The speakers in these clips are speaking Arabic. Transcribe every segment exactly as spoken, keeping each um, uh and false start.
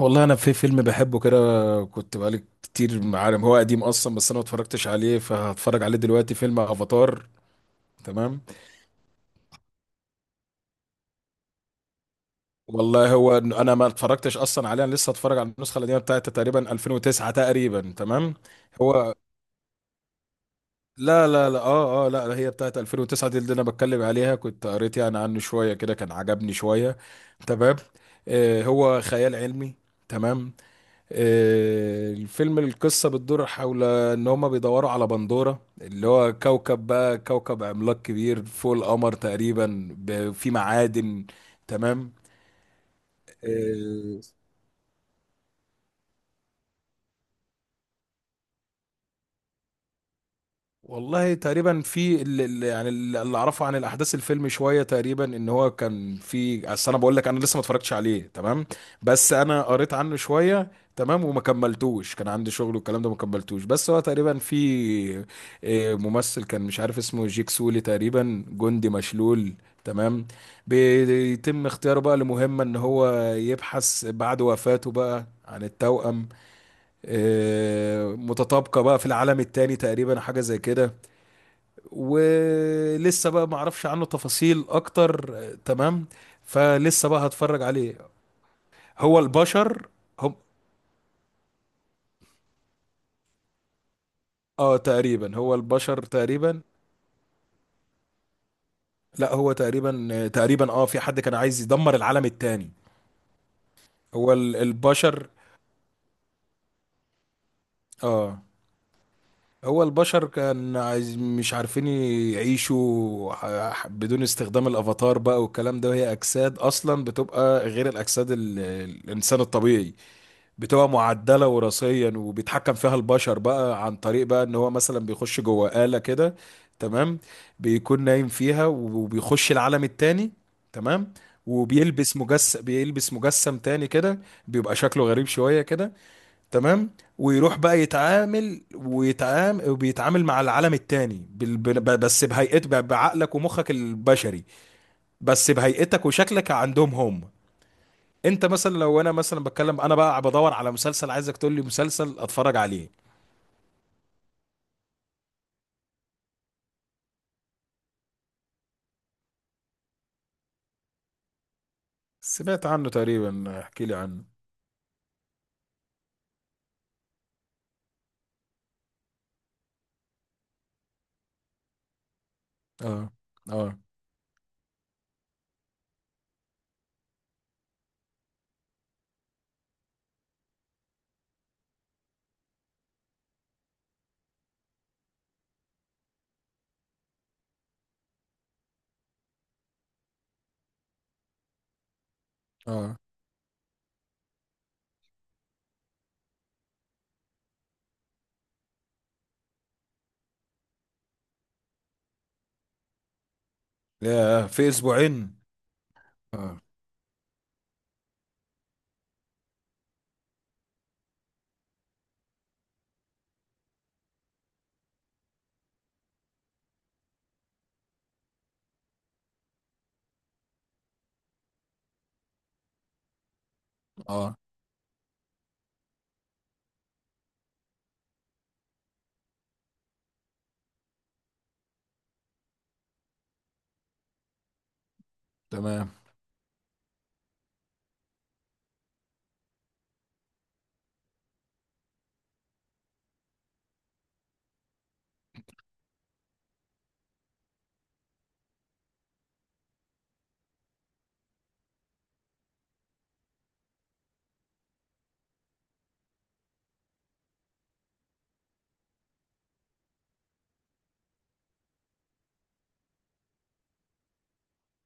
والله انا في فيلم بحبه كده. كنت بقالي كتير، عارف، هو قديم اصلا بس انا ما اتفرجتش عليه، فهتفرج عليه دلوقتي فيلم افاتار. تمام. والله هو إن انا ما اتفرجتش اصلا عليه، انا لسه هتفرج على النسخه القديمه بتاعت تقريبا ألفين وتسعة تقريبا. تمام. هو لا لا لا اه اه لا، هي بتاعت ألفين وتسعة دي اللي انا بتكلم عليها. كنت قريت يعني عنه شويه كده، كان عجبني شويه. تمام. آه، هو خيال علمي. تمام. آه، الفيلم القصة بتدور حول ان هما بيدوروا على بندورة اللي هو كوكب، بقى كوكب عملاق كبير فوق القمر تقريبا، ب- فيه معادن. تمام. مم. والله تقريبا في ال- ال- يعني ال- اللي اعرفه عن الاحداث الفيلم شويه. تقريبا ان هو كان في اصل، انا بقول لك انا لسه ما اتفرجتش عليه. تمام. بس انا قريت عنه شويه. تمام. وما كملتوش، كان عندي شغل والكلام ده ما كملتوش. بس هو تقريبا في آه، ممثل كان، مش عارف اسمه، جيك سولي تقريبا، جندي مشلول. تمام. بيتم اختياره بقى لمهمه ان هو يبحث بعد وفاته بقى عن التوأم آه، متطابقه بقى في العالم التاني، تقريبا حاجه زي كده. ولسه بقى ما اعرفش عنه تفاصيل اكتر، آه، تمام. فلسه بقى هتفرج عليه. هو البشر هم، اه، تقريبا هو البشر تقريبا. لا، هو تقريبا آه، تقريبا اه في حد كان عايز يدمر العالم التاني. هو ال- البشر، اه، هو البشر كان عايز، مش عارفين يعيشوا ح- ح- بدون استخدام الافاتار بقى والكلام ده. وهي اجساد اصلا بتبقى غير الاجساد ال- الانسان الطبيعي، بتبقى معدلة وراثيا وبيتحكم فيها البشر بقى، عن طريق بقى ان هو مثلا بيخش جوه آلة كده. تمام. بيكون نايم فيها وبيخش العالم التاني. تمام. وبيلبس مجسم، بيلبس مجسم تاني كده، بيبقى شكله غريب شوية كده. تمام. ويروح بقى يتعامل ويتعامل وبيتعامل مع العالم التاني بال- ب- بس بهيئته ب- بعقلك ومخك البشري، بس بهيئتك وشكلك عندهم هم. انت مثلا، لو انا مثلا بتكلم، انا بقى بدور على مسلسل، عايزك تقول لي مسلسل اتفرج عليه. سمعت عنه تقريبا، احكي لي عنه. اه. اه. اه. يا في اسبوعين. اه. اه. تمام.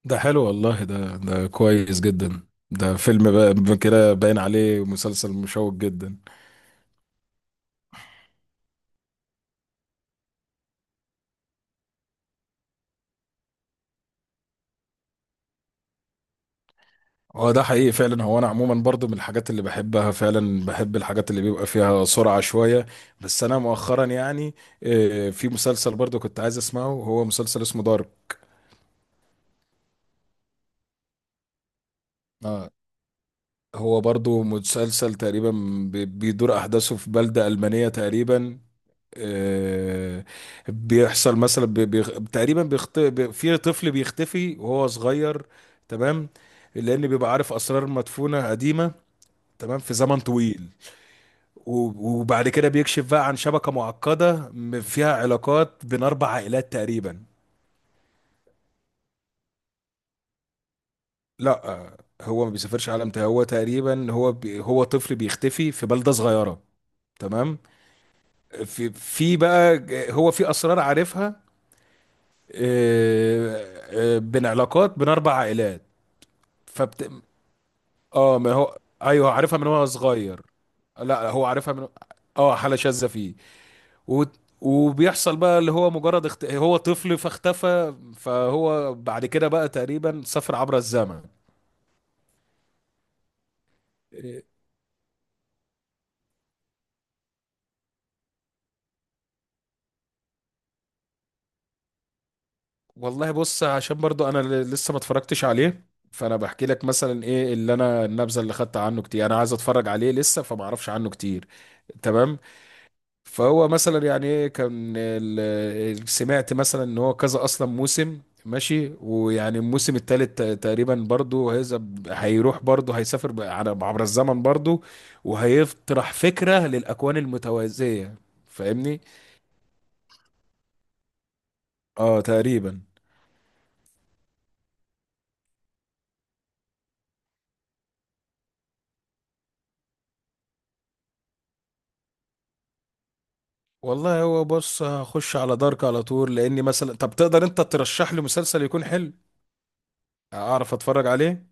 ده حلو والله، ده ده كويس جدا. ده فيلم بقى، كده باين عليه مسلسل مشوق جدا. هو ده حقيقي فعلا. هو انا عموما برضو من الحاجات اللي بحبها فعلا، بحب الحاجات اللي بيبقى فيها سرعة شوية. بس انا مؤخرا يعني آه، في مسلسل برضو كنت عايز اسمعه، هو مسلسل اسمه دارك. آه. هو برضو مسلسل تقريبا بي- بيدور احداثه في بلدة ألمانية تقريبا. آه، بيحصل مثلا بي بي تقريبا بيخت... بي في طفل بيختفي وهو صغير. تمام. لان بيبقى عارف اسرار مدفونة قديمة. تمام، في زمن طويل. و- وبعد كده بيكشف بقى عن شبكة معقدة م- فيها علاقات بين اربع عائلات تقريبا. لا آه، هو ما بيسافرش عالم تاني، هو تقريبا هو بي هو طفل بيختفي في بلدة صغيرة. تمام. في في بقى هو في اسرار عارفها، آه، آه، بين علاقات بين اربع عائلات. فبت اه، ما هو ايوه عارفها من وهو صغير. لا، هو عارفها من، اه، حاله شاذه فيه. و... وبيحصل بقى اللي هو مجرد اخت... هو طفل فاختفى، فهو بعد كده بقى تقريبا سافر عبر الزمن، آه، والله بص، عشان برضو انا ل- لسه ما اتفرجتش عليه. فانا بحكي لك مثلا ايه اللي انا النبذه اللي خدت عنه. كتير انا عايز اتفرج عليه لسه، فما اعرفش عنه كتير. تمام. فهو مثلا يعني ايه، كان ال- ال- سمعت مثلا ان هو كذا اصلا موسم ماشي، ويعني الموسم الثالث تقريبا برضو هيذهب، هيروح برضو هيسافر ب- على عبر الزمن برضو، وهيطرح فكره للاكوان المتوازيه. فاهمني. اه، تقريبا. والله هو، بص، هخش على دارك على طول لاني مثلا. طب تقدر انت ترشح لي مسلسل يكون حلو، اعرف اتفرج عليه؟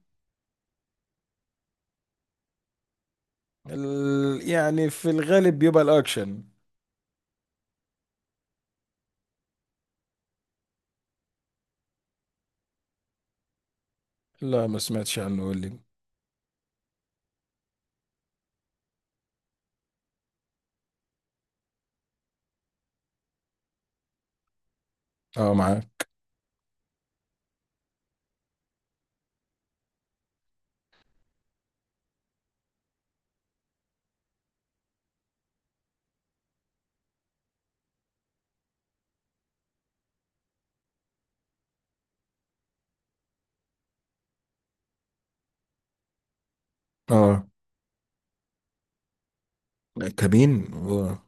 ال... يعني في الغالب بيبقى الاكشن. لا، ما سمعتش عنه، قول لي. اه، معاك. اه، كابين، آه.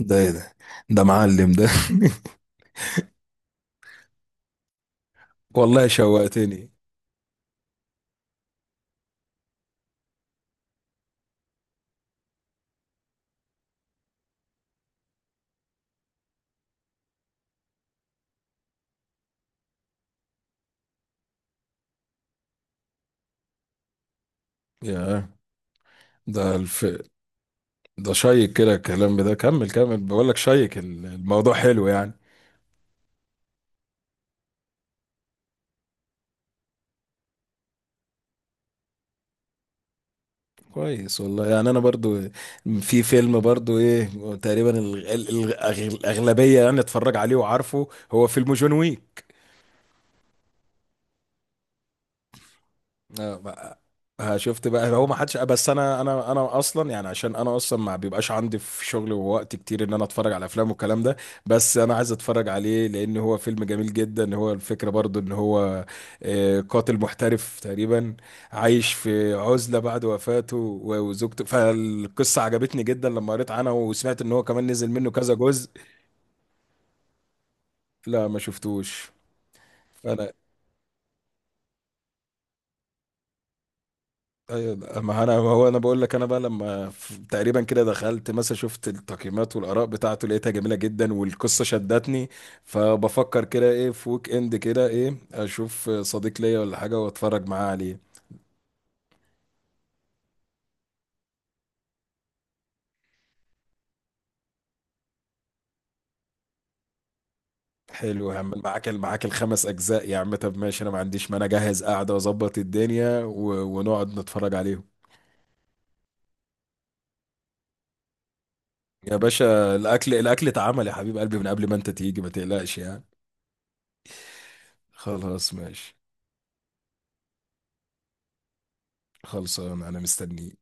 ده ايه ده؟ ده معلم ده. والله شوقتني، يا ده الف... ده شيق كده الكلام ده، كمل. كمل، بقول لك، شيق ال- الموضوع حلو يعني. كويس والله. يعني انا برضو، في فيلم برضو ايه، تقريبا ال- ال- الأغ- الاغلبيه يعني اتفرج عليه وعارفه، هو فيلم جون ويك. آه، بقى، آه، شفت بقى، هو ما حدش. بس انا انا انا اصلا يعني عشان انا اصلا ما بيبقاش عندي في شغل ووقت كتير ان انا اتفرج على افلام والكلام ده. بس انا عايز اتفرج عليه لان هو فيلم جميل جدا. هو الفكره برضو ان هو آه، قاتل محترف تقريبا، عايش في عزله بعد وفاته و- وزوجته. فالقصه عجبتني جدا لما قريت عنها، وسمعت ان هو كمان نزل منه كذا جزء. لا، ما شفتوش. فانا أيوة، ما انا ما هو انا بقول لك، انا بقى لما ف- تقريبا كده دخلت مثلا شفت التقييمات والاراء بتاعته، لقيتها جميله جدا والقصه شدتني. فبفكر كده ايه في ويك اند كده، ايه، اشوف صديق ليا ولا حاجه واتفرج معاه عليه. حلو، هعمل معاك معاك الخمس اجزاء يا عم. طب ماشي، انا ما عنديش مانع، اجهز قاعده واظبط الدنيا و... ونقعد نتفرج عليهم. يا باشا، الاكل الاكل اتعمل يا حبيب قلبي من قبل ما انت تيجي، ما تقلقش يعني. خلاص ماشي. خلصان، انا مستنيك.